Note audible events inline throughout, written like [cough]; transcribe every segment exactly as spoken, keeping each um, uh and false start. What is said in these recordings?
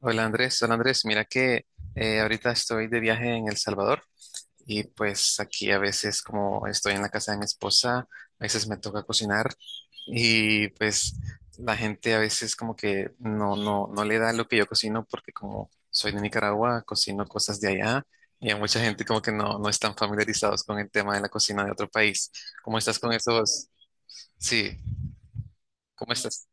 Hola Andrés, hola Andrés, mira que eh, ahorita estoy de viaje en El Salvador y pues aquí a veces como estoy en la casa de mi esposa, a veces me toca cocinar y pues la gente a veces como que no, no, no le da lo que yo cocino porque como soy de Nicaragua, cocino cosas de allá y a mucha gente como que no, no están familiarizados con el tema de la cocina de otro país. ¿Cómo estás con esos? Sí, ¿cómo estás?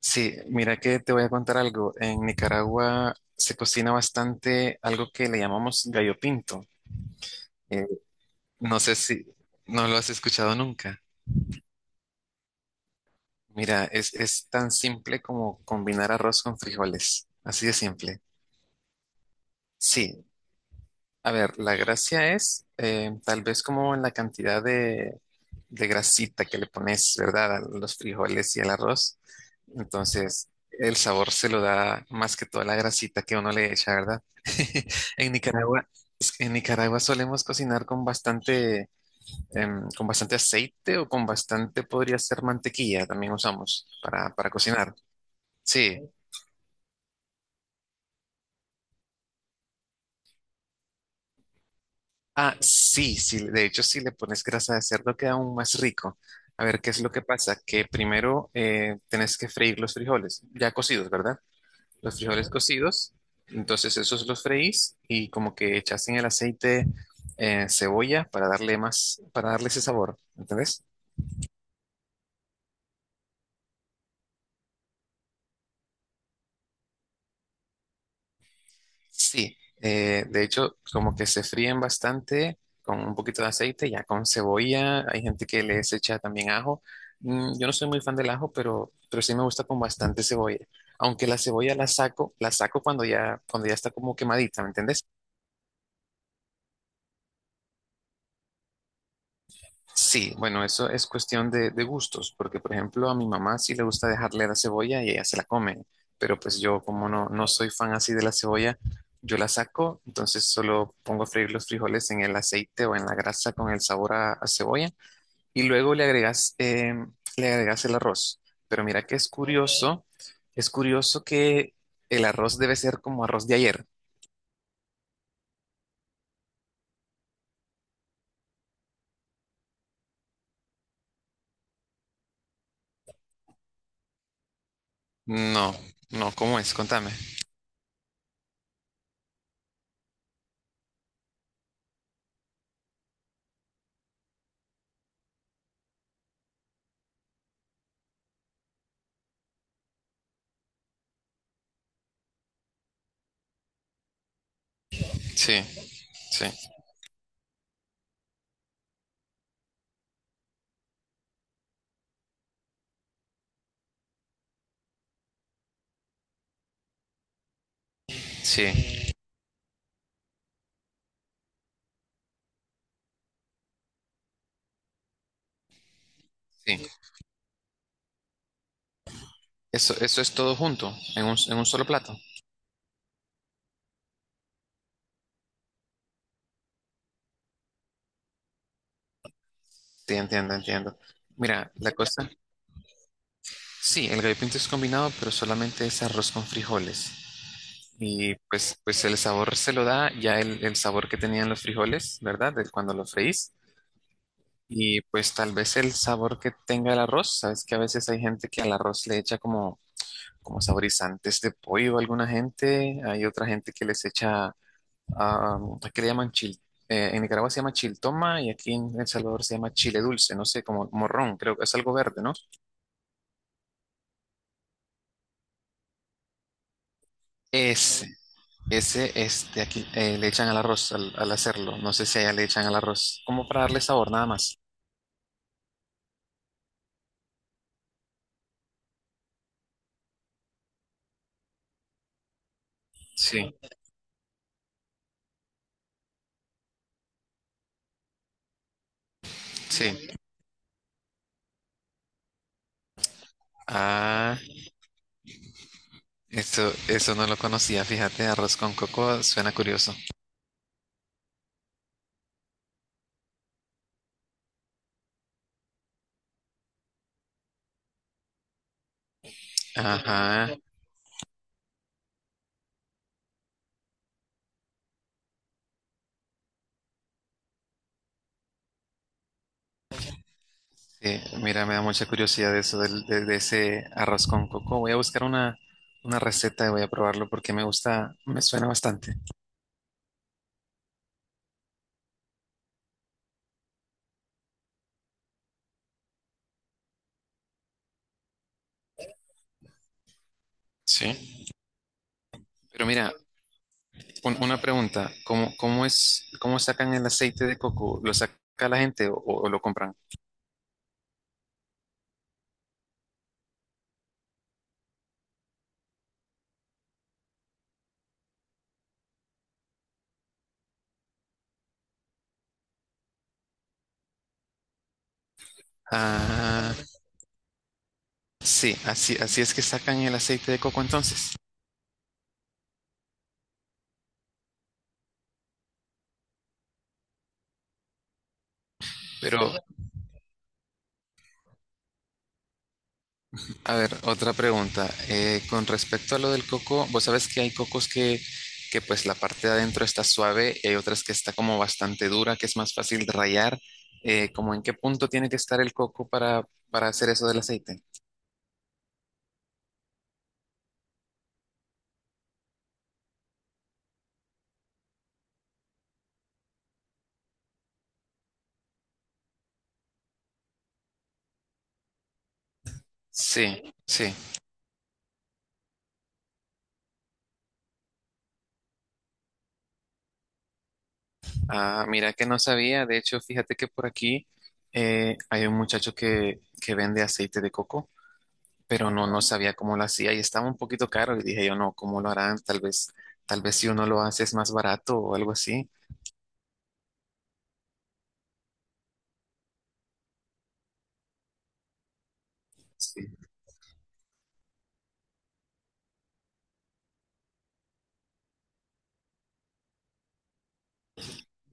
Sí, mira que te voy a contar algo. En Nicaragua se cocina bastante algo que le llamamos gallo pinto. Eh, no sé si no lo has escuchado nunca. Mira, es, es tan simple como combinar arroz con frijoles. Así de simple. Sí, a ver, la gracia es eh, tal vez como en la cantidad de grasita que le pones, ¿verdad? A los frijoles y al arroz. Entonces, el sabor se lo da más que toda la grasita que uno le echa, ¿verdad? [laughs] En Nicaragua, en Nicaragua solemos cocinar con bastante, em, con bastante aceite o con bastante, podría ser mantequilla, también usamos para, para cocinar. Sí. Ah, sí, sí, de hecho, si le pones grasa de cerdo queda aún más rico. A ver, ¿qué es lo que pasa? Que primero eh, tenés que freír los frijoles, ya cocidos, ¿verdad? Los frijoles cocidos. Entonces esos los freís y como que echas en el aceite eh, cebolla para darle más, para darle ese sabor, ¿entendés? Sí, eh, de hecho como que se fríen bastante con un poquito de aceite, ya con cebolla, hay gente que les echa también ajo. Mm, yo no soy muy fan del ajo, pero, pero sí me gusta con bastante cebolla. Aunque la cebolla la saco, la saco cuando ya, cuando ya está como quemadita, ¿me entendés? Sí, bueno, eso es cuestión de, de gustos, porque por ejemplo a mi mamá sí le gusta dejarle la cebolla y ella se la come, pero pues yo como no, no soy fan así de la cebolla, yo la saco, entonces solo pongo a freír los frijoles en el aceite o en la grasa con el sabor a, a cebolla y luego le agregas, eh, le agregas el arroz. Pero mira que es curioso, es curioso que el arroz debe ser como arroz de ayer. No, no, ¿cómo es? Contame. Sí, sí, sí, sí. Eso, eso es todo junto, en un, en un solo plato. Sí, entiendo, entiendo. Mira, la cosa, sí, el gallo pinto es combinado, pero solamente es arroz con frijoles. Y pues, pues el sabor se lo da ya el, el sabor que tenían los frijoles, ¿verdad? De cuando los freís. Y pues tal vez el sabor que tenga el arroz, sabes que a veces hay gente que al arroz le echa como, como saborizantes de pollo, alguna gente, hay otra gente que les echa ah, aquí le llaman chil, eh, en Nicaragua se llama chiltoma y aquí en El Salvador se llama chile dulce, no sé, como morrón, creo que es algo verde, ¿no? Ese, ese, este, aquí eh, le echan al arroz al, al hacerlo, no sé si allá le echan al arroz, como para darle sabor, nada más. Sí, sí. Ah, eso, eso no lo conocía, fíjate, arroz con coco suena curioso. Ajá. Sí, mira, me da mucha curiosidad de eso del- de, de ese arroz con coco. Voy a buscar una, una receta y voy a probarlo porque me gusta, me suena bastante. Sí, pero mira, un- una pregunta, ¿cómo, cómo es, cómo sacan el aceite de coco? ¿Lo saca la gente o, o lo compran? Ah, sí, así, así es que sacan el aceite de coco entonces. Pero, a ver, otra pregunta. Eh, con respecto a lo del coco, vos sabés que hay cocos que, que pues la parte de adentro está suave y hay otras que está como bastante dura, que es más fácil de rallar. Eh, ¿cómo en qué punto tiene que estar el coco para, para hacer eso del aceite? Sí, sí. Ah, mira que no sabía. De hecho, fíjate que por aquí eh, hay un muchacho que, que vende aceite de coco, pero no, no sabía cómo lo hacía y estaba un poquito caro. Y dije yo, no, ¿cómo lo harán? Tal vez, tal vez si uno lo hace es más barato o algo así. Sí.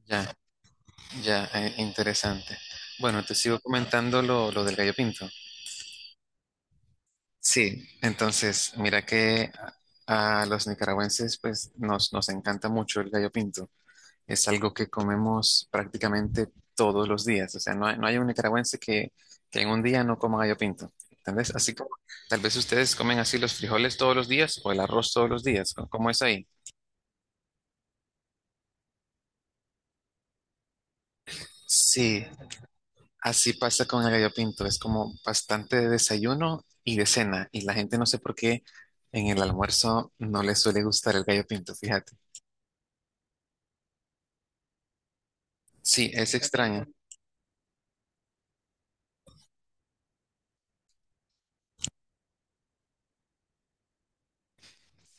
Ya, ya, eh, interesante. Bueno, te sigo comentando lo, lo del gallo pinto. Sí, entonces, mira que a, a los nicaragüenses pues nos, nos encanta mucho el gallo pinto. Es algo que comemos prácticamente todos los días. O sea, no hay, no hay un nicaragüense que, que en un día no coma gallo pinto. Tal así como tal vez ustedes comen así los frijoles todos los días o el arroz todos los días. ¿No? ¿Cómo es ahí? Sí, así pasa con el gallo pinto. Es como bastante de desayuno y de cena. Y la gente no sé por qué en el almuerzo no le suele gustar el gallo pinto, fíjate. Sí, es extraño.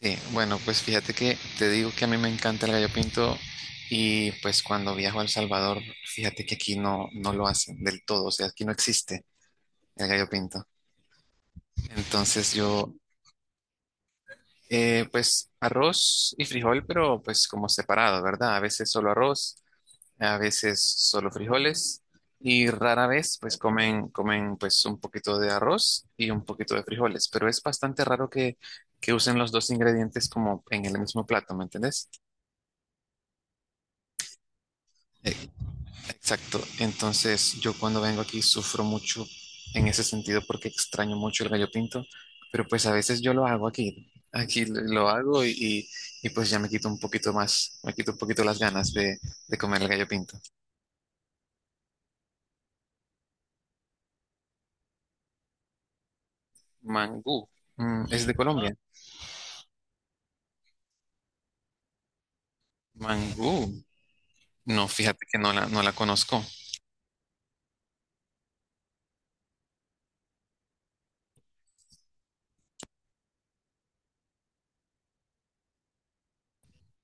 Sí, bueno, pues fíjate que te digo que a mí me encanta el gallo pinto y pues cuando viajo a El Salvador, fíjate que aquí no, no lo hacen del todo, o sea, aquí no existe el gallo pinto. Entonces yo, eh, pues arroz y frijol, pero pues como separado, ¿verdad? A veces solo arroz, a veces solo frijoles y rara vez pues comen, comen pues un poquito de arroz y un poquito de frijoles, pero es bastante raro que, que usen los dos ingredientes como en el mismo plato, ¿me entendés? Exacto. Entonces, yo cuando vengo aquí sufro mucho en ese sentido porque extraño mucho el gallo pinto, pero pues a veces yo lo hago aquí. Aquí lo lo hago y, y- y, pues ya me quito un poquito más, me quito un poquito las ganas de, de comer el gallo pinto. Mangú, Mm, es de Colombia. Mangú, no, fíjate que no la, no la conozco.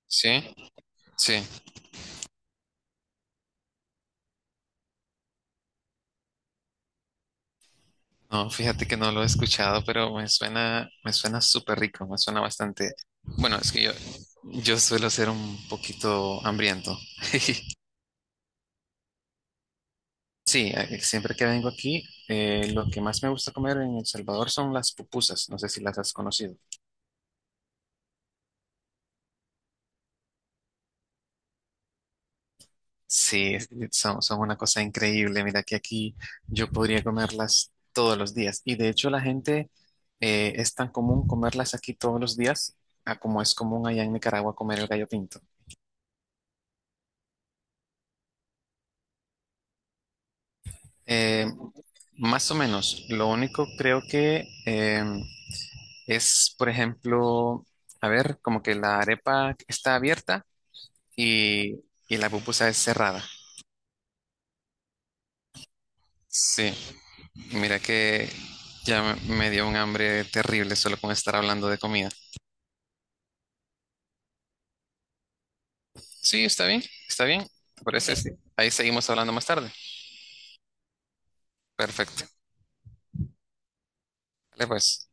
Sí, sí. No, fíjate que no lo he escuchado, pero me suena, me suena súper rico, me suena bastante. Bueno, es que yo, yo suelo ser un poquito hambriento. [laughs] Sí, eh, siempre que vengo aquí, eh, lo que más me gusta comer en El Salvador son las pupusas. No sé si las has conocido. Sí, es- eh, son, son una cosa increíble. Mira que aquí yo podría comerlas todos los días. Y de hecho la gente eh, es tan común comerlas aquí todos los días a como es común allá en Nicaragua comer el gallo pinto. Eh, más o menos. Lo único creo que em, es, por ejemplo, a ver, como que la arepa está abierta y, y la pupusa es cerrada. Sí, mira que ya me me dio un hambre terrible solo con estar hablando de comida. Sí, está bien, está bien. ¿Te parece? Ok, sí. Ahí seguimos hablando más tarde. Perfecto. Vale, pues.